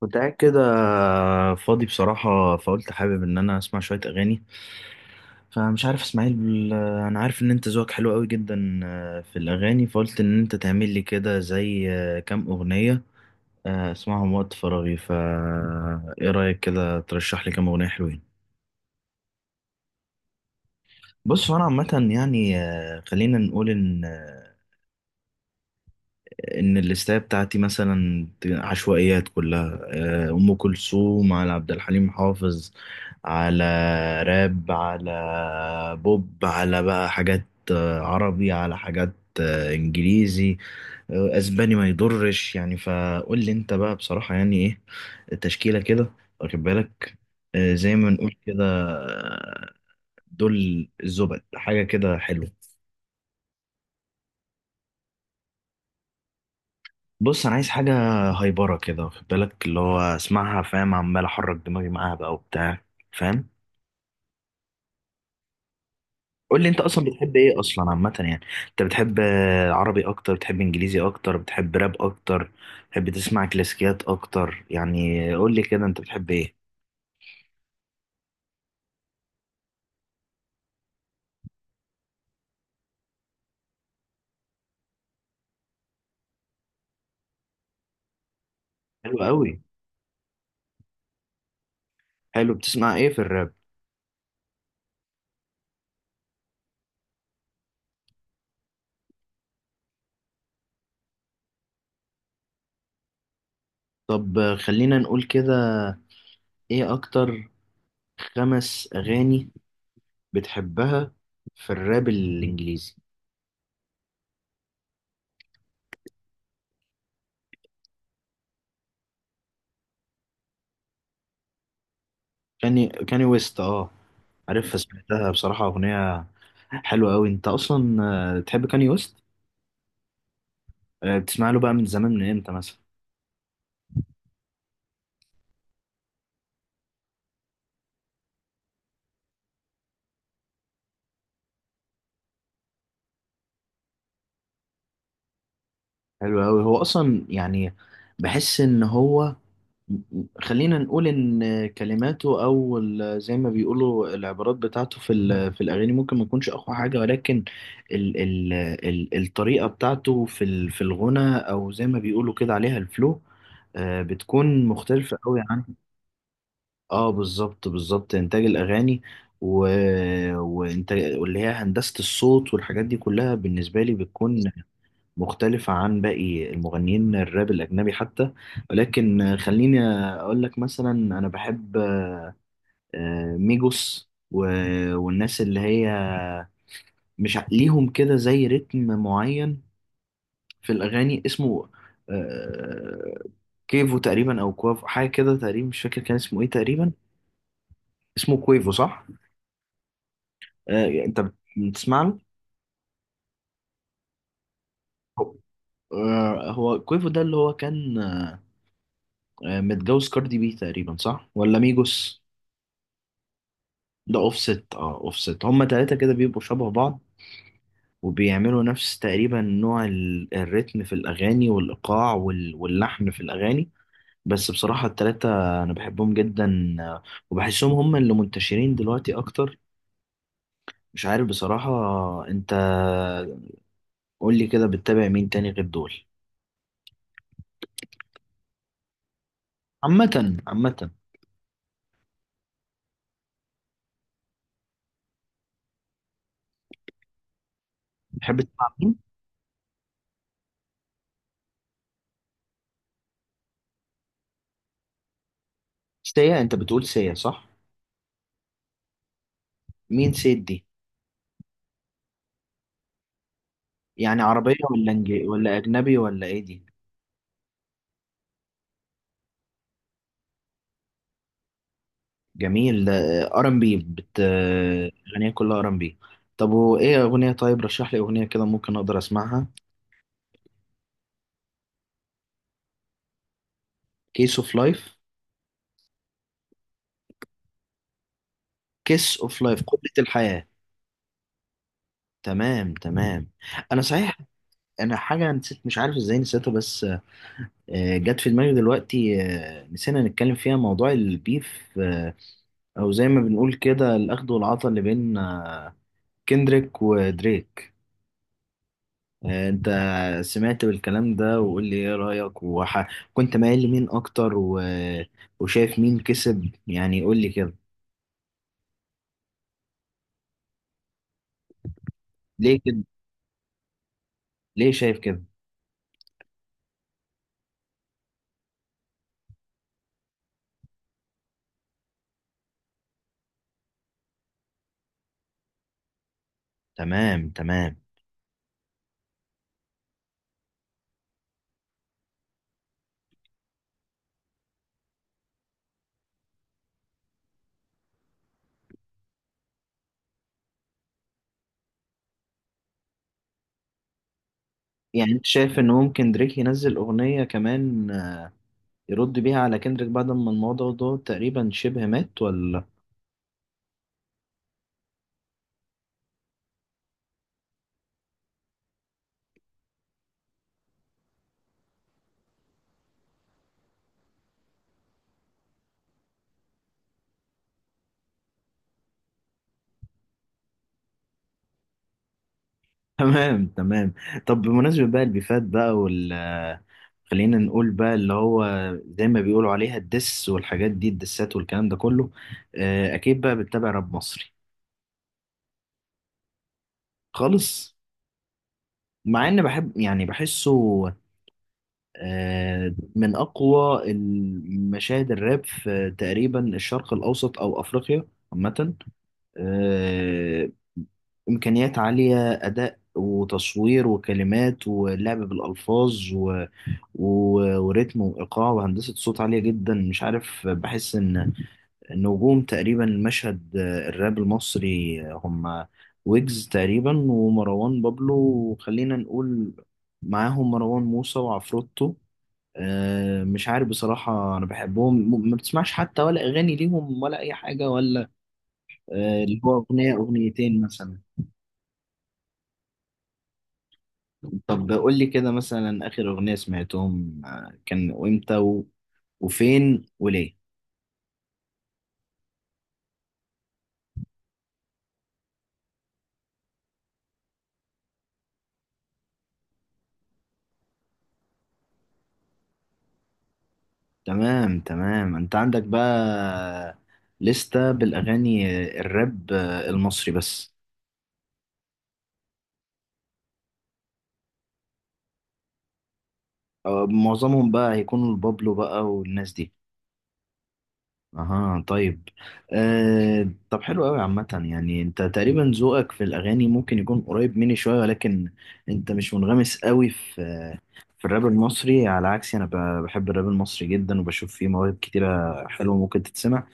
كنت قاعد كده فاضي بصراحة، فقلت حابب إن أنا أسمع شوية أغاني. فمش عارف إسماعيل، أنا عارف إن أنت ذوقك حلو قوي جدا في الأغاني، فقلت إن أنت تعمل لي كده زي كام أغنية أسمعهم وقت فراغي. فا إيه رأيك كده ترشح لي كام أغنية حلوين؟ بص، هو أنا عامة يعني خلينا نقول إن ان الليستة بتاعتي مثلا عشوائيات كلها. ام كلثوم، على عبد الحليم حافظ، على راب، على بوب، على بقى حاجات عربي، على حاجات انجليزي، اسباني ما يضرش. يعني فقول لي انت بقى بصراحة يعني ايه التشكيلة كده، واخد بالك؟ زي ما نقول كده. دول الزبد، حاجة كده حلوة. بص انا عايز حاجه هايبره كده، واخد بالك، اللي هو اسمعها، فاهم، عمال احرك دماغي معاها بقى وبتاع، فاهم؟ قول لي انت اصلا بتحب ايه اصلا عامه يعني. انت بتحب عربي اكتر، بتحب انجليزي اكتر، بتحب راب اكتر، بتحب تسمع كلاسيكيات اكتر؟ يعني قول لي كده انت بتحب ايه. حلو قوي. حلو، بتسمع ايه في الراب؟ طب خلينا نقول كده، ايه اكتر 5 اغاني بتحبها في الراب الانجليزي؟ كاني، كاني ويست، اه، عارف، سمعتها بصراحة، أغنية حلوة أوي. أنت أصلا تحب كاني ويست؟ بتسمع له بقى من زمان، من إمتى مثلا؟ حلو أوي. هو أصلا يعني بحس إن هو، خلينا نقول إن كلماته أو زي ما بيقولوا العبارات بتاعته في في الأغاني ممكن ما تكونش أقوى حاجة، ولكن ال ال ال الطريقة بتاعته في في الغنى، أو زي ما بيقولوا كده عليها الفلو، بتكون مختلفة أوي عن. اه بالظبط بالظبط، انتاج الاغاني و... وانتاج، واللي هي هندسه الصوت والحاجات دي كلها بالنسبه لي بتكون مختلفه عن باقي المغنيين الراب الاجنبي حتى. ولكن خليني اقول لك مثلا، انا بحب ميجوس و... والناس اللي هي مش ع- ليهم كده زي رتم معين في الاغاني، اسمه آه، كيفو تقريبا، او كوافو، حاجه كده تقريبا، مش فاكر كان اسمه ايه تقريبا. اسمه كويفو، صح؟ انت بتسمع له؟ هو هو كويفو ده اللي هو كان متجوز كاردي بي تقريبا، صح؟ ولا ميجوس؟ ده اوفست، اه، اوفست. هما تلاتة كده بيبقوا شبه بعض وبيعملوا نفس تقريبا نوع الريتم في الاغاني والايقاع واللحن في الاغاني. بس بصراحة التلاتة انا بحبهم جدا وبحسهم هما اللي منتشرين دلوقتي اكتر. مش عارف بصراحة. انت قول لي كده، بتتابع مين تاني غير دول؟ عامة عامة. بتحب تسمع مين؟ سيا، انت بتقول سيا، صح؟ مين سيد دي؟ يعني عربية ولا انجلي ولا اجنبي ولا ايه دي؟ جميل ده. ار ام بي، بت، اغنية كلها ار ام بي. طب وايه اغنية؟ طيب رشح لي اغنية كده ممكن اقدر اسمعها. كيس اوف لايف؟ كيس اوف لايف، قبلة الحياة. تمام تمام، انا صحيح انا حاجة نسيت، مش عارف ازاي نسيتها، بس جت في دماغي دلوقتي. نسينا نتكلم فيها، موضوع البيف او زي ما بنقول كده الاخد والعطا اللي بين كندريك ودريك. انت سمعت بالكلام ده؟ وقول لي ايه رأيك، كنت مايل لمين اكتر و... وشايف مين كسب؟ يعني قول لي كده. ليه كده؟ ليه شايف كده؟ تمام تمام. يعني انت شايف ان ممكن دريك ينزل اغنية كمان يرد بيها على كندريك بعد ما الموضوع ده تقريبا شبه مات، ولا؟ تمام تمام. طب بمناسبة بقى البيفات بقى، خلينا نقول بقى اللي هو زي ما بيقولوا عليها الدس والحاجات دي، الدسات والكلام ده كله، اكيد بقى بتتابع راب مصري؟ خالص؟ مع ان بحب، يعني بحسه من اقوى المشاهد الراب في تقريبا الشرق الاوسط او افريقيا عامه. آه، امكانيات عاليه، اداء وتصوير وكلمات ولعب بالالفاظ و... و... وريتم وايقاع وهندسه صوت عاليه جدا. مش عارف، بحس ان النجوم تقريبا المشهد الراب المصري هم ويجز تقريبا ومروان بابلو، وخلينا نقول معاهم مروان موسى وعفروتو. مش عارف بصراحة أنا بحبهم، ما بتسمعش حتى ولا أغاني ليهم ولا أي حاجة، ولا اللي هو أغنية أغنيتين مثلا. طب قول لي كده مثلا آخر أغنية سمعتهم كان، وإمتى و- وفين وليه؟ تمام تمام. انت عندك بقى لستة بالاغاني الراب المصري بس؟ أه، معظمهم بقى هيكونوا البابلو بقى والناس دي؟ اها طيب. أه طب حلو قوي. عامة يعني انت تقريبا ذوقك في الاغاني ممكن يكون قريب مني شوية، ولكن انت مش منغمس قوي في في الراب المصري، على عكسي انا بحب الراب المصري جدا وبشوف فيه مواهب كتيرة حلوة ممكن تتسمع.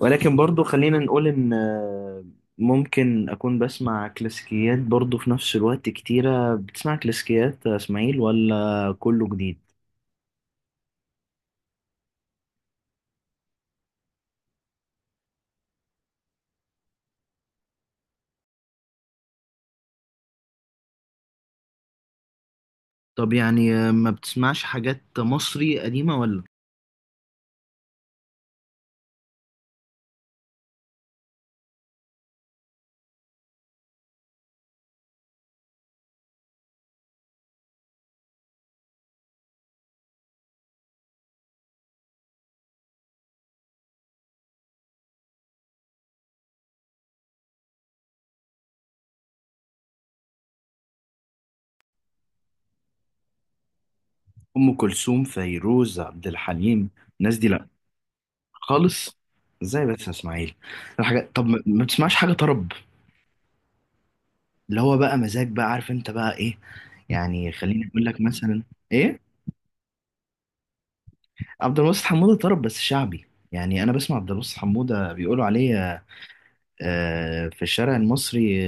ولكن برضو خلينا نقول ان ممكن اكون بسمع كلاسيكيات برضو في نفس الوقت. كتيرة بتسمع كلاسيكيات يا اسماعيل ولا كله جديد؟ طب يعني ما بتسمعش حاجات مصري قديمة، ولا ام كلثوم فيروز عبد الحليم، الناس دي لا؟ خالص؟ ازاي بس يا اسماعيل الحاجات؟ طب ما بتسمعش حاجة طرب؟ اللي هو بقى مزاج بقى، عارف انت بقى ايه يعني؟ خليني اقول لك مثلا. ايه؟ عبد الواسط حمودة طرب بس شعبي. يعني انا بسمع عبد الواسط حمودة، بيقولوا عليه في الشارع المصري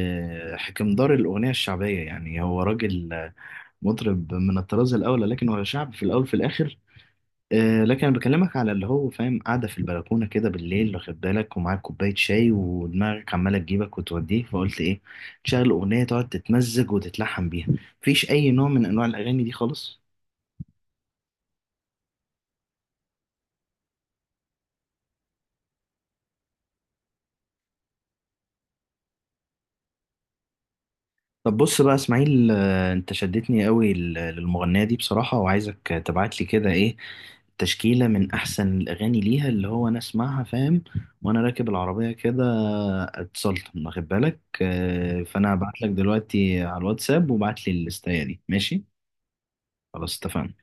حكمدار الاغنية الشعبية. يعني هو راجل مطرب من الطراز الاول، لكن هو شعب في الاول في الاخر. لكن انا بكلمك على اللي هو، فاهم، قاعدة في البلكونة كده بالليل، واخد بالك، ومعاك كوباية شاي ودماغك عمالة تجيبك وتوديك، فقلت ايه، تشغل اغنية تقعد تتمزج وتتلحم بيها. مفيش اي نوع من انواع الاغاني دي خالص؟ طب بص بقى اسماعيل، انت شدتني قوي للمغنية دي بصراحة، وعايزك تبعت لي كده ايه، تشكيلة من احسن الاغاني ليها اللي هو انا اسمعها، فاهم، وانا راكب العربية كده اتسلطن، واخد بالك، فانا هبعت لك دلوقتي على الواتساب وبعت لي الليستاية دي، ماشي؟ خلاص اتفقنا.